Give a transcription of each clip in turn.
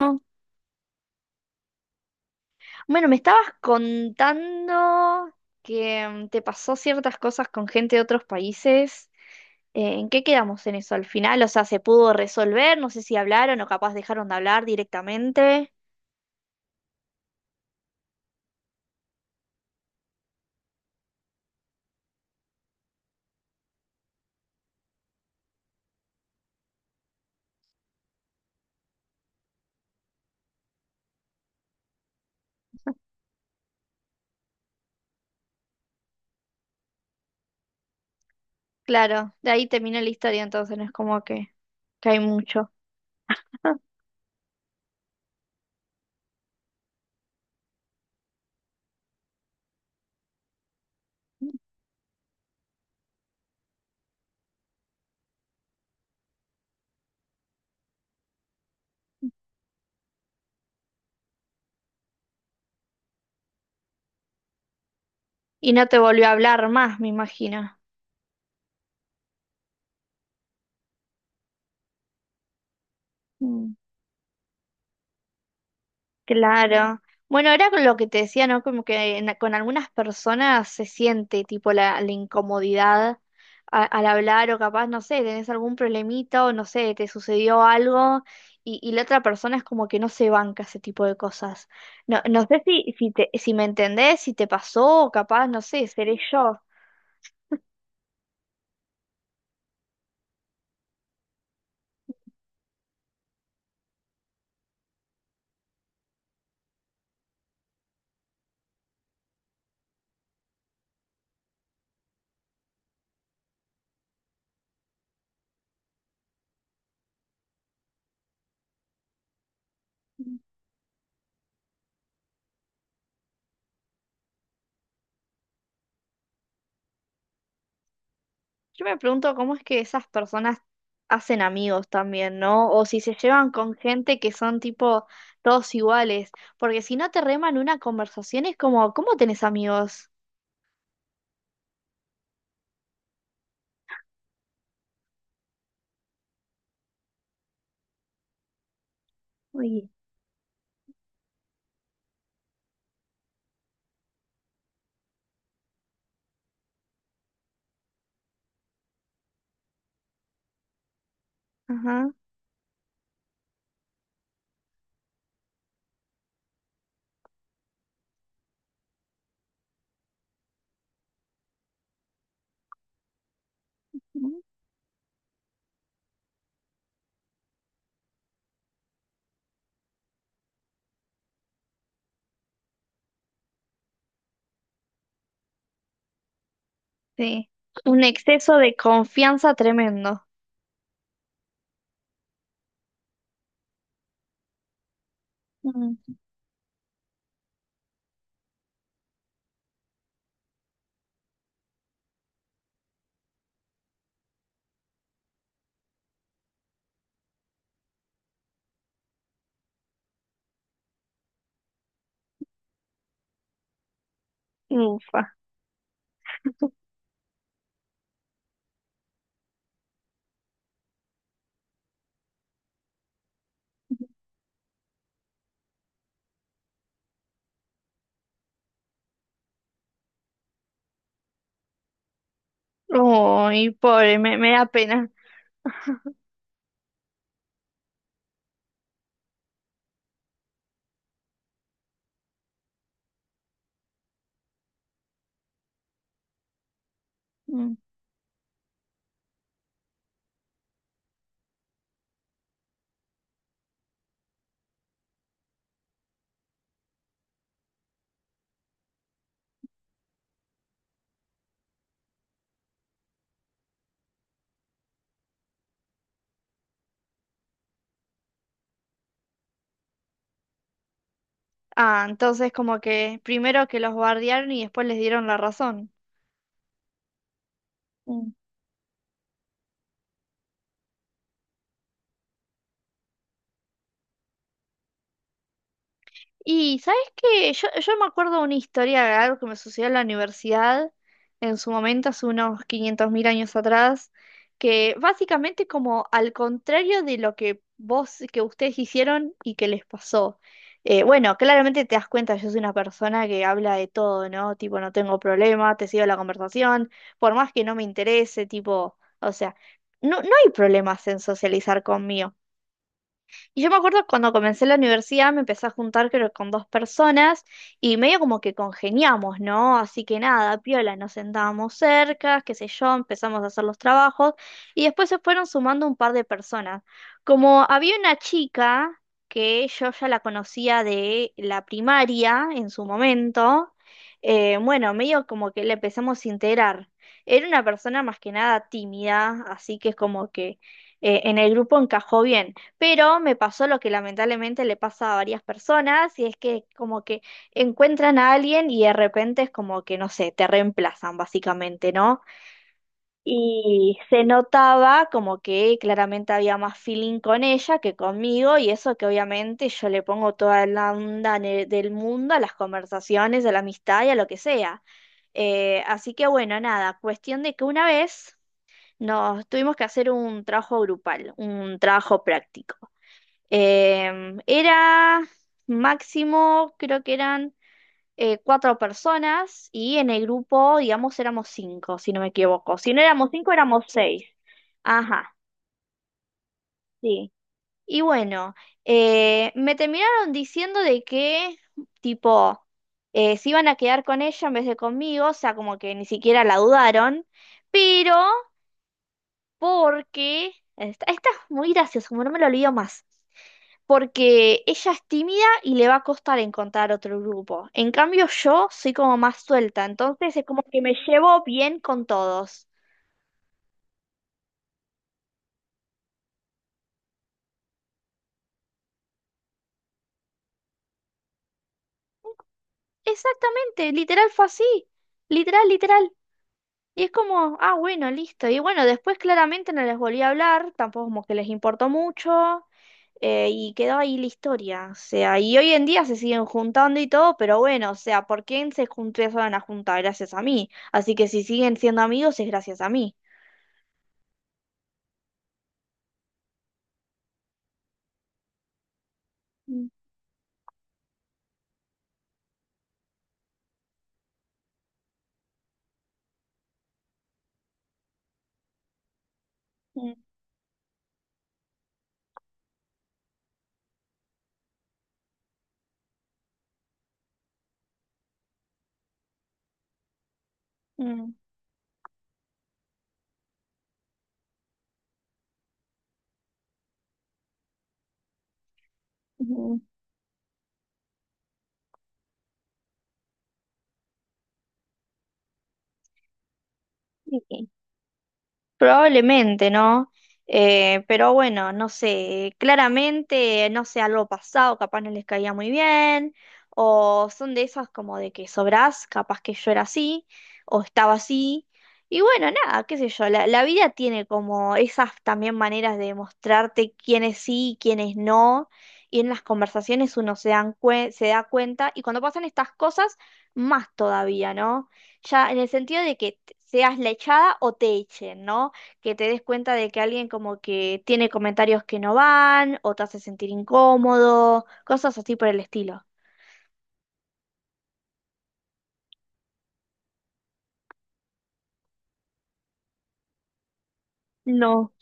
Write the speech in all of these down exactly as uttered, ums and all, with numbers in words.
No. Bueno, me estabas contando que mm, te pasó ciertas cosas con gente de otros países. Eh, ¿En qué quedamos en eso al final? O sea, ¿se pudo resolver? No sé si hablaron o capaz dejaron de hablar directamente. Claro, de ahí terminó la historia, entonces no es como que, que hay mucho. Y no te volvió a hablar más, me imagino. Mm. Claro. Bueno, era con lo que te decía, ¿no? Como que en- con algunas personas se siente tipo la, la incomodidad a- al hablar o capaz, no sé, tenés algún problemita o no sé, te sucedió algo y, y la otra persona es como que no se banca ese tipo de cosas. No, no sé si, si, te, si me entendés, si te pasó o capaz, no sé, seré yo. Yo me pregunto cómo es que esas personas hacen amigos también, ¿no? O si se llevan con gente que son tipo todos iguales, porque si no te reman una conversación es como, ¿cómo tenés amigos? Uy. Ajá. Mm. Sí. Un exceso de confianza tremendo. Mm. Ufa. Uy, pobre, me, me da pena. Mm. Ah, entonces como que primero que los bardearon y después les dieron la razón. Y sabes que yo, yo me acuerdo una historia algo que me sucedió en la universidad en su momento, hace unos quinientos mil años atrás, que básicamente como al contrario de lo que vos, que ustedes hicieron y que les pasó. Eh, bueno, claramente te das cuenta, yo soy una persona que habla de todo, ¿no? Tipo, no tengo problema, te sigo la conversación, por más que no me interese, tipo, o sea, no, no hay problemas en socializar conmigo. Y yo me acuerdo cuando comencé la universidad me empecé a juntar creo con dos personas y medio como que congeniamos, ¿no? Así que nada, piola, nos sentábamos cerca, qué sé yo, empezamos a hacer los trabajos y después se fueron sumando un par de personas. Como había una chica que yo ya la conocía de la primaria en su momento, eh, bueno, medio como que la empezamos a integrar. Era una persona más que nada tímida, así que es como que eh, en el grupo encajó bien. Pero me pasó lo que lamentablemente le pasa a varias personas, y es que como que encuentran a alguien y de repente es como que, no sé, te reemplazan básicamente, ¿no? Y se notaba como que claramente había más feeling con ella que conmigo, y eso que obviamente yo le pongo toda la onda ne- del mundo a las conversaciones, a la amistad y a lo que sea. Eh, así que bueno, nada, cuestión de que una vez nos tuvimos que hacer un trabajo grupal, un trabajo práctico. Em, era máximo, creo que eran eh, cuatro personas y en el grupo, digamos, éramos cinco, si no me equivoco. Si no éramos cinco, éramos seis. Ajá, sí. Y bueno, eh, me terminaron diciendo de que, tipo, eh, se iban a quedar con ella en vez de conmigo, o sea, como que ni siquiera la dudaron, pero porque, esta, esta es muy graciosa, como no me lo olvido más, porque ella es tímida y le va a costar encontrar otro grupo. En cambio, yo soy como más suelta, entonces es como que me llevo bien con todos. Exactamente, literal fue así, literal, literal. Y es como, ah, bueno, listo. Y bueno, después claramente no les volví a hablar, tampoco como que les importó mucho, eh, y quedó ahí la historia. O sea, y hoy en día se siguen juntando y todo, pero bueno, o sea, ¿por qué se junté a juntar? Gracias a mí. Así que si siguen siendo amigos es gracias a mí. Mm, mm, mm, mm. Probablemente, ¿no? Eh, pero bueno, no sé, claramente, no sé, algo pasado, capaz no les caía muy bien, o son de esas como de que sobrás, capaz que yo era así, o estaba así, y bueno, nada, qué sé yo, la, la vida tiene como esas también maneras de mostrarte quiénes sí y quiénes no, y en las conversaciones uno se dan cue- se da cuenta, y cuando pasan estas cosas, más todavía, ¿no? Ya en el sentido de que t- seas la echada o te echen, ¿no? Que te des cuenta de que alguien como que tiene comentarios que no van o te hace sentir incómodo, cosas así por el estilo. No.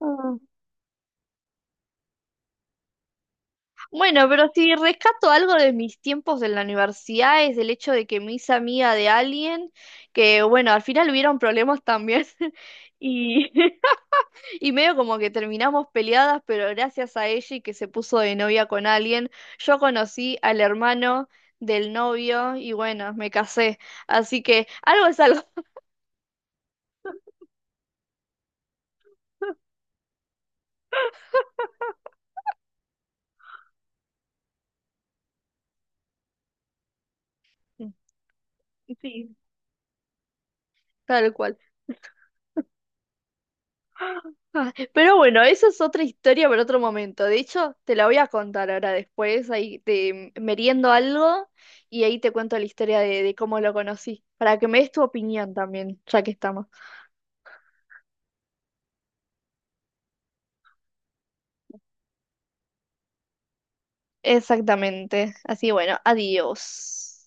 Ah. Bueno, pero si rescato algo de mis tiempos en la universidad es el hecho de que me hice amiga de alguien que, bueno, al final hubieron problemas también y, y medio como que terminamos peleadas, pero gracias a ella y que se puso de novia con alguien, yo conocí al hermano del novio y bueno, me casé. Así que algo es algo. Sí, tal cual. Ah, pero bueno, eso es otra historia para otro momento. De hecho, te la voy a contar ahora después, ahí te mm, meriendo algo y ahí te cuento la historia de, de, cómo lo conocí, para que me des tu opinión también, ya que estamos. Exactamente. Así bueno, adiós.